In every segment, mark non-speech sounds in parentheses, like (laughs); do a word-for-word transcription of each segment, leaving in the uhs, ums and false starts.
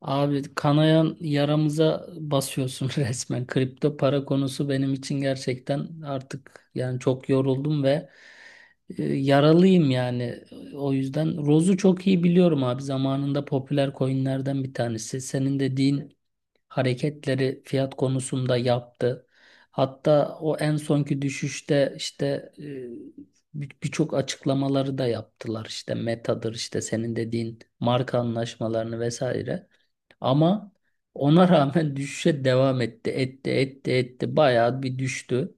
Abi kanayan yaramıza basıyorsun (laughs) resmen. Kripto para konusu benim için gerçekten artık yani çok yoruldum ve e, yaralıyım yani. O yüzden Roz'u çok iyi biliyorum abi. Zamanında popüler coinlerden bir tanesi. Senin dediğin hareketleri fiyat konusunda yaptı. Hatta o en sonki düşüşte işte e, bir- birçok açıklamaları da yaptılar. İşte Meta'dır işte senin dediğin marka anlaşmalarını vesaire. Ama ona rağmen (laughs) düşüşe devam etti. Etti, etti, etti. Bayağı bir düştü.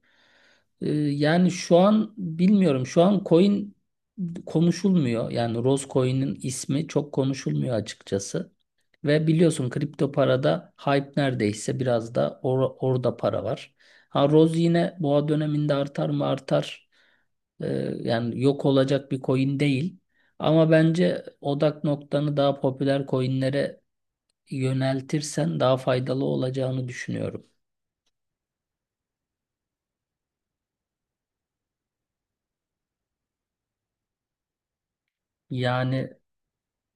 Ee, yani şu an bilmiyorum. Şu an coin konuşulmuyor. Yani Rose Coin'in ismi çok konuşulmuyor açıkçası. Ve biliyorsun kripto parada hype neredeyse biraz da or- orada para var. Ha Rose yine boğa döneminde artar mı artar. Ee, yani yok olacak bir coin değil. Ama bence odak noktanı daha popüler coinlere yöneltirsen daha faydalı olacağını düşünüyorum. Yani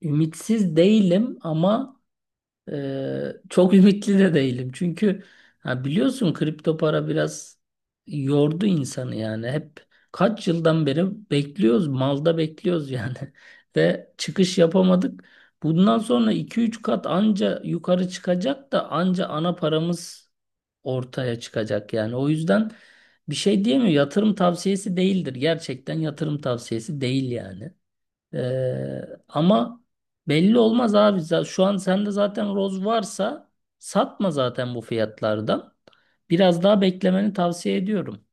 ümitsiz değilim ama Ee, çok (laughs) ümitli de değilim. Çünkü ha biliyorsun kripto para biraz yordu insanı yani. Hep kaç yıldan beri bekliyoruz, malda bekliyoruz yani. (laughs) Ve çıkış yapamadık. Bundan sonra iki üç kat anca yukarı çıkacak da anca ana paramız ortaya çıkacak yani. O yüzden bir şey diyemiyorum. Yatırım tavsiyesi değildir. Gerçekten yatırım tavsiyesi değil yani. Ee, ama belli olmaz abi. Z- Şu an sende zaten roz varsa satma zaten bu fiyatlardan. Biraz daha beklemeni tavsiye ediyorum.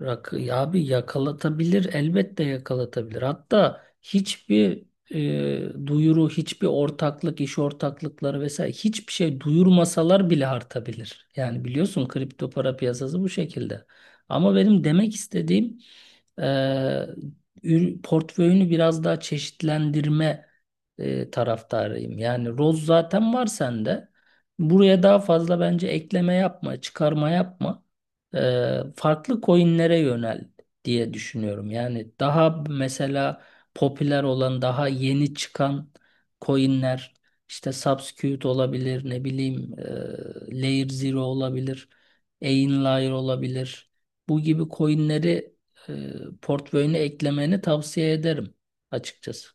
Rakı ya abi yakalatabilir elbette yakalatabilir. Hatta hiçbir e, duyuru, hiçbir ortaklık, iş ortaklıkları vesaire hiçbir şey duyurmasalar bile artabilir. Yani biliyorsun kripto para piyasası bu şekilde. Ama benim demek istediğim e, ür- portföyünü biraz daha çeşitlendirme e, taraftarıyım. Yani roz zaten var sende. Buraya daha fazla bence ekleme yapma, çıkarma yapma e, farklı coinlere yönel diye düşünüyorum. Yani daha mesela popüler olan, daha yeni çıkan coinler işte Subsecurity olabilir, ne bileyim e, Layer Zero olabilir, Layer olabilir. Bu gibi coinleri e, portföyüne eklemeni tavsiye ederim açıkçası.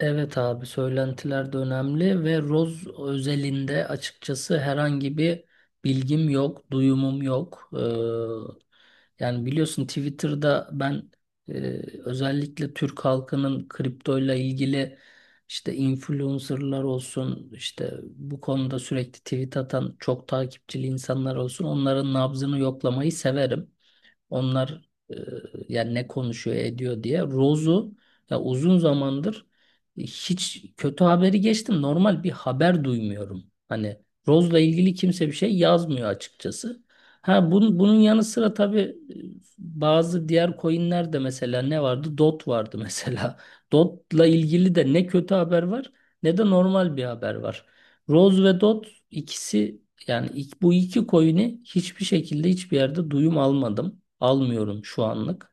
Evet abi söylentiler de önemli ve Roz özelinde açıkçası herhangi bir bilgim yok, duyumum yok. Ee, yani biliyorsun Twitter'da ben e, özellikle Türk halkının kriptoyla ilgili işte influencerlar olsun, işte bu konuda sürekli tweet atan çok takipçili insanlar olsun onların nabzını yoklamayı severim. Onlar e, yani ne konuşuyor ediyor diye. Rose'u ya uzun zamandır hiç kötü haberi geçtim. Normal bir haber duymuyorum. Hani Rose'la ilgili kimse bir şey yazmıyor açıkçası. Ha bunun, bunun yanı sıra tabii e, bazı diğer coinler de mesela ne vardı? Dot vardı mesela. (laughs) Dot'la ilgili de ne kötü haber var ne de normal bir haber var. Rose ve Dot ikisi yani ilk- bu iki coin'i hiçbir şekilde hiçbir yerde duyum almadım. Almıyorum şu anlık.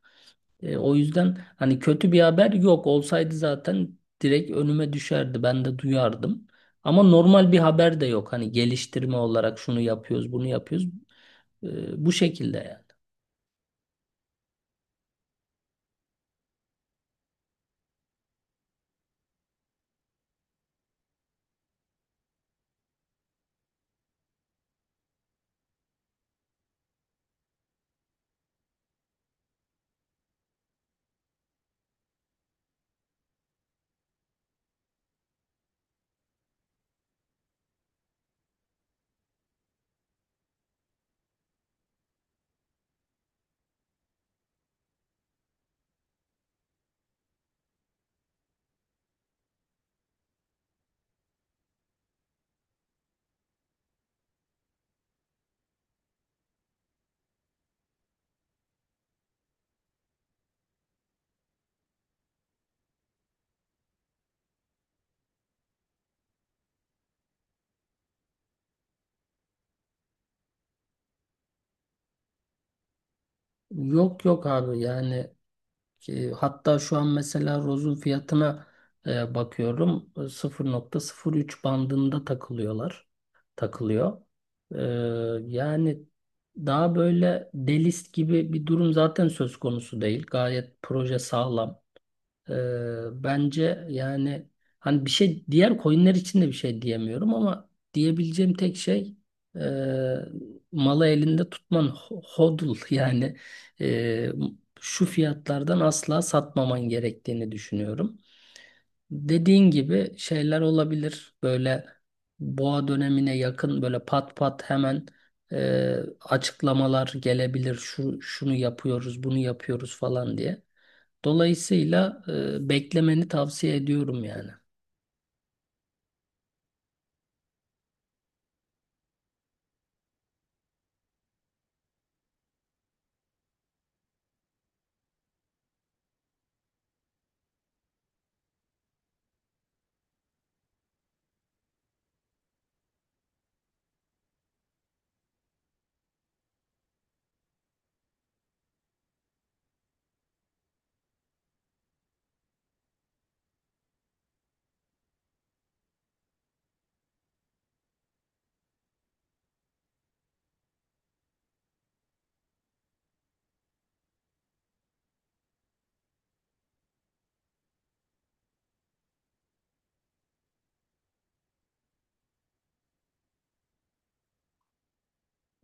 E, o yüzden hani kötü bir haber yok. Olsaydı zaten direkt önüme düşerdi. Ben de duyardım. Ama normal bir haber de yok. Hani geliştirme olarak şunu yapıyoruz, bunu yapıyoruz. E, bu şekilde yani. Yok yok abi yani, ki hatta şu an mesela rozun fiyatına e, bakıyorum. E, sıfır nokta sıfır üç bandında takılıyorlar. Takılıyor. E, yani daha böyle delist gibi bir durum zaten söz konusu değil. Gayet proje sağlam. Ee, bence yani hani bir şey diğer coinler için de bir şey diyemiyorum ama diyebileceğim tek şey e, malı elinde tutman ho- hodl (laughs) yani e, şu fiyatlardan asla satmaman gerektiğini düşünüyorum. Dediğin gibi şeyler olabilir böyle boğa dönemine yakın böyle pat pat hemen e, açıklamalar gelebilir şu şunu yapıyoruz bunu yapıyoruz falan diye. Dolayısıyla e, beklemeni tavsiye ediyorum yani.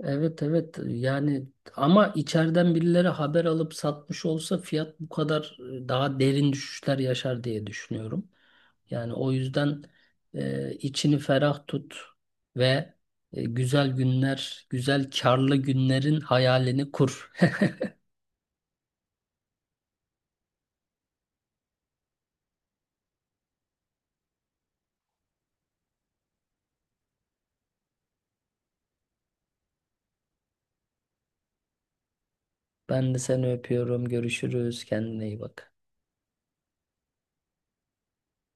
Evet evet yani ama içeriden birileri haber alıp satmış olsa fiyat bu kadar e, daha derin düşüşler yaşar diye düşünüyorum. Yani o yüzden e, içini ferah tut ve e, güzel günler, güzel karlı günlerin hayalini kur. (laughs) Ben de seni öpüyorum. Görüşürüz. Kendine iyi bak.